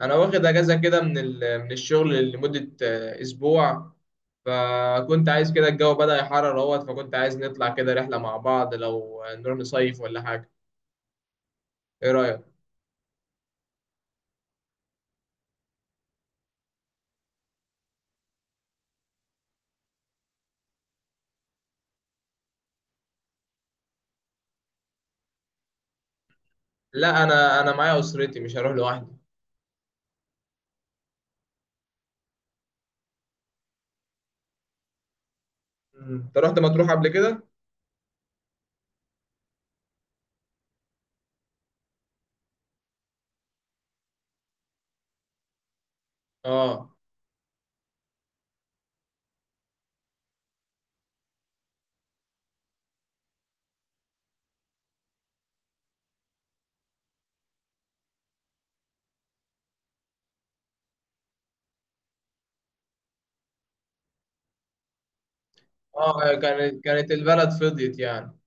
انا واخد اجازه كده من الشغل لمده اسبوع. فكنت عايز كده الجو بدأ يحرر اهوت، فكنت عايز نطلع كده رحله مع بعض، لو نروح نصيف ولا حاجه. ايه رايك؟ لا انا معايا اسرتي، مش هروح لوحدي. مم. انت رحت مطروح قبل كده؟ اه. اه كانت البلد فضيت يعني.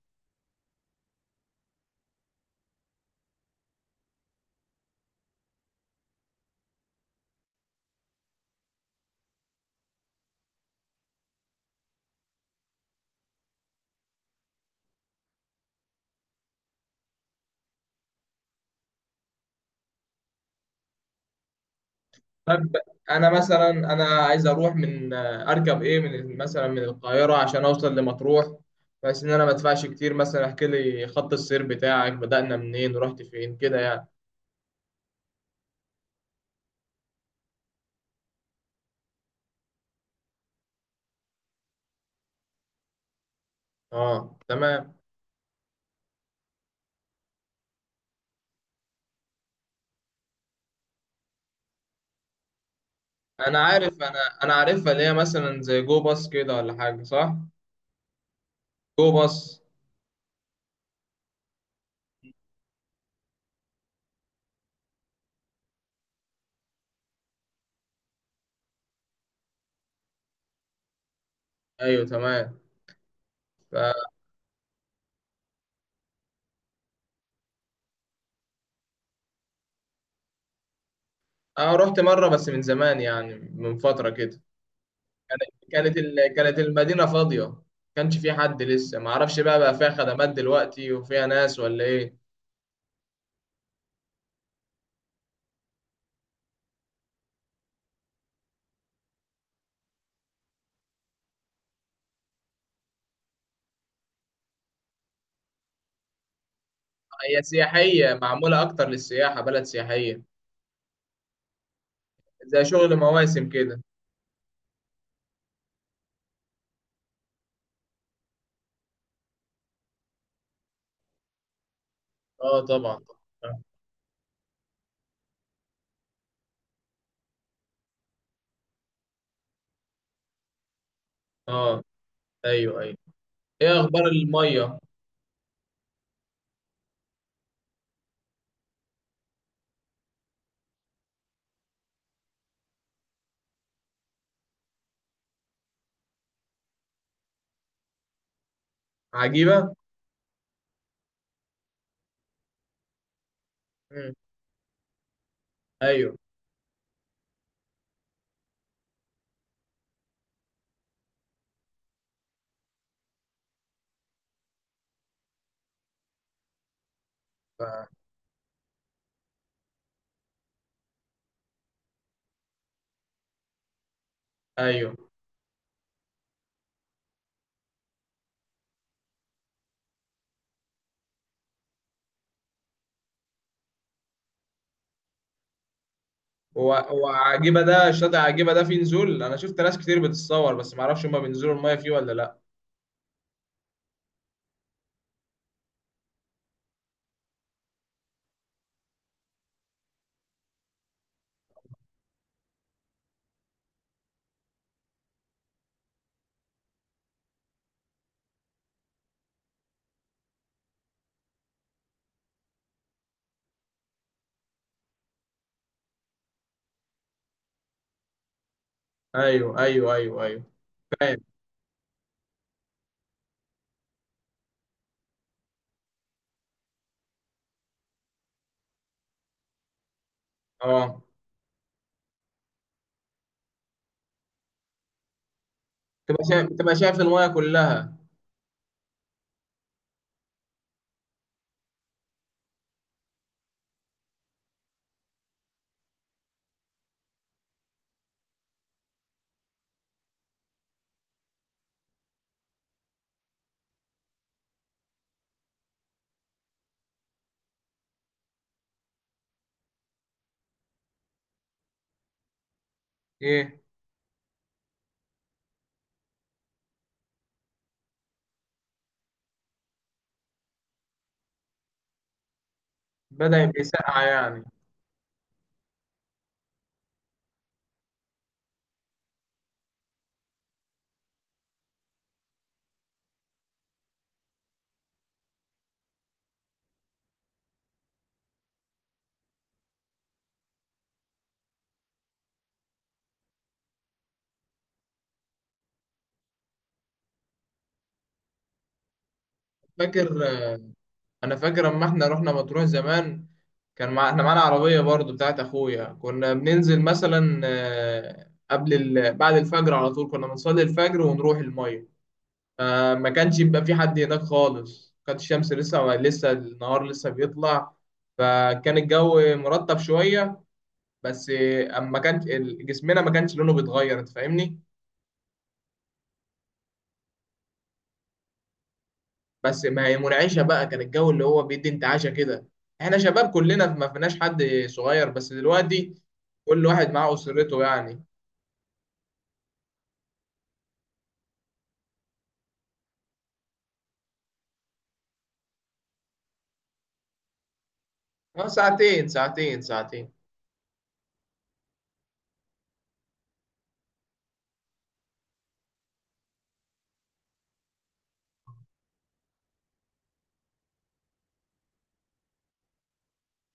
طب انا مثلا عايز اروح من اركب ايه من مثلا من القاهره عشان اوصل لمطروح، بحيث ان انا ما ادفعش كتير. مثلا احكي لي خط السير بتاعك، بدأنا منين ورحت فين كده يعني. اه تمام. انا انا عارفها، اللي هي مثلا زي جو باص كده ولا حاجه، صح؟ جو باص. ايوه تمام. ف... اه رحت مره بس من زمان يعني، من فتره كده. كانت المدينه فاضيه. كانش في حد لسه، ما اعرفش بقى فيها خدمات دلوقتي وفيها ناس ولا ايه؟ هي سياحية، معمولة أكتر للسياحة، بلد سياحية. زي شغل مواسم كده. اه طبعا. طبعاً. اه. ايوه ايوه. ايه اخبار المية؟ عجيبة. مم. ايوه. ف- ايوه. هو عجيبة ده الشاطئ، عجيبة ده فيه نزول. انا شفت ناس كتير بتتصور، بس ما اعرفش هما بينزلوا المية فيه ولا لا؟ ايوه ايوه ايوه ايوه. فاهم. اه، تبقى شايف المية كلها. ايه؟ بدأ يبقى ساقعة يعني. فاكر، انا فاكر اما احنا رحنا مطروح زمان، كان احنا معانا عربية برضو بتاعت أخويا. كنا بننزل مثلا قبل بعد الفجر على طول، كنا بنصلي الفجر ونروح المية. فما كانش يبقى في حد هناك خالص، كانت الشمس لسه، لسه النهار لسه بيطلع. فكان الجو مرطب شوية، بس أما كانش جسمنا ما كانش لونه بيتغير، أنت فاهمني. بس ما هي منعشة بقى، كان الجو اللي هو بيدي انتعاشة كده. احنا شباب كلنا، ما فيناش حد صغير. بس دلوقتي كل واحد معاه أسرته يعني. اه ساعتين ساعتين.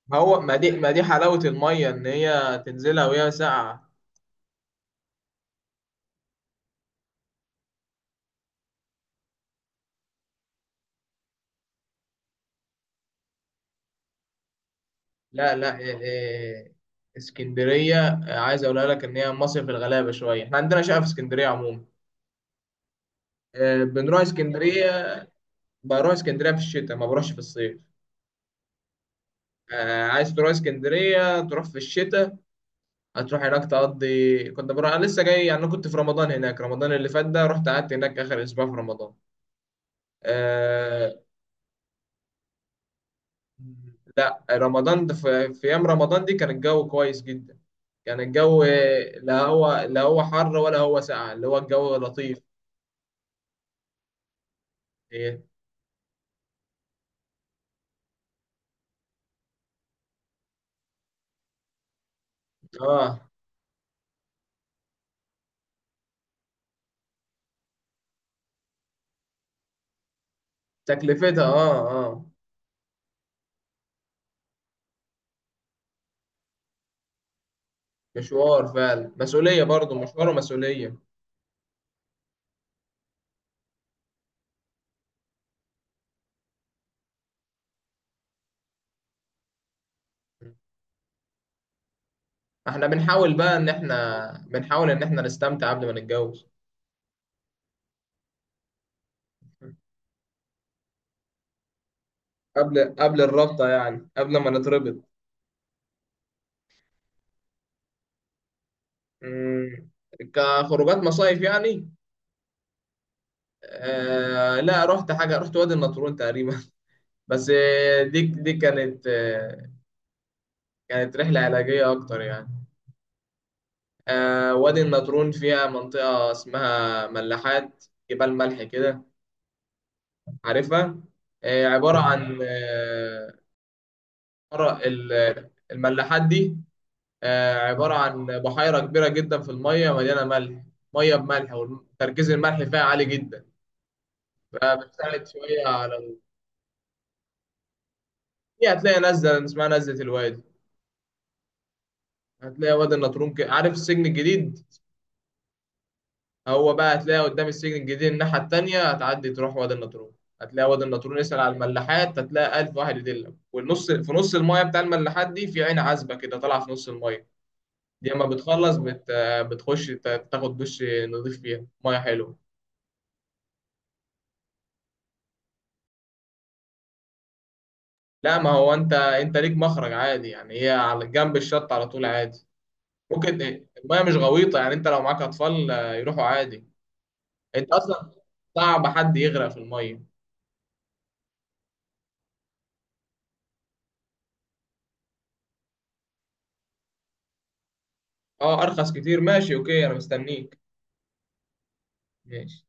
ما هو ما دي حلاوة المية، ان هي تنزلها وهي ساقعة. لا لا، إيه إيه. اسكندرية عايز اقولها لك ان هي مصيف الغلابة شوية. احنا عندنا شقة في اسكندرية عموما. بنروح اسكندرية. بروح اسكندرية في الشتاء، ما بروحش في الصيف. عايز تروح اسكندرية تروح في الشتاء. هتروح هناك تقضي. كنت بروح انا لسه جاي يعني، انا كنت في رمضان هناك، رمضان اللي فات ده، رحت قعدت هناك اخر اسبوع في رمضان. آه، لا رمضان ده في ايام رمضان دي كان الجو كويس جدا. كان الجو، لا هو، لا هو حر ولا هو ساقع، اللي هو الجو لطيف. إيه. اه. تكلفتها اه اه. مشوار فعلا مسؤولية، برضه مشوار ومسؤولية. احنا بنحاول بقى ان احنا بنحاول ان احنا نستمتع قبل ما نتجوز. قبل الرابطة يعني، قبل ما نتربط. مم. كخروجات مصايف يعني. آه لا، رحت حاجة، رحت وادي النطرون تقريبا. بس دي كانت كانت رحلة علاجية أكتر يعني. وادي النطرون فيها منطقة اسمها ملاحات، جبال ملح كده. عارفها؟ آه، عبارة عن آه، عبارة- ال- الملاحات دي عبارة عن بحيرة كبيرة جدا في المية، مليانة ملح. مية بملح وتركيز الملح فيها عالي جدا. فبتساعد شوية على دي هتلاقي نزلة اسمها نزلة الوادي. هتلاقي وادي النطرون كده، عارف السجن الجديد؟ هو بقى هتلاقي قدام السجن الجديد الناحية التانية، هتعدي تروح وادي النطرون. هتلاقي وادي النطرون، يسأل على الملاحات، هتلاقي ألف واحد يدلك. والنص، في نص المايه بتاع الملاحات دي، في عين عذبة كده طالعة في نص المايه. دي أما بتخش تاخد دش نضيف فيها مية حلوة. لا ما هو أنت ليك مخرج عادي يعني، هي على جنب الشط على طول، عادي. ممكن، المايه مش غويطة يعني، أنت لو معاك أطفال يروحوا عادي. أنت أصلا، صعب حد يغرق في المايه. أه أرخص كتير، ماشي أوكي، أنا مستنيك. ماشي.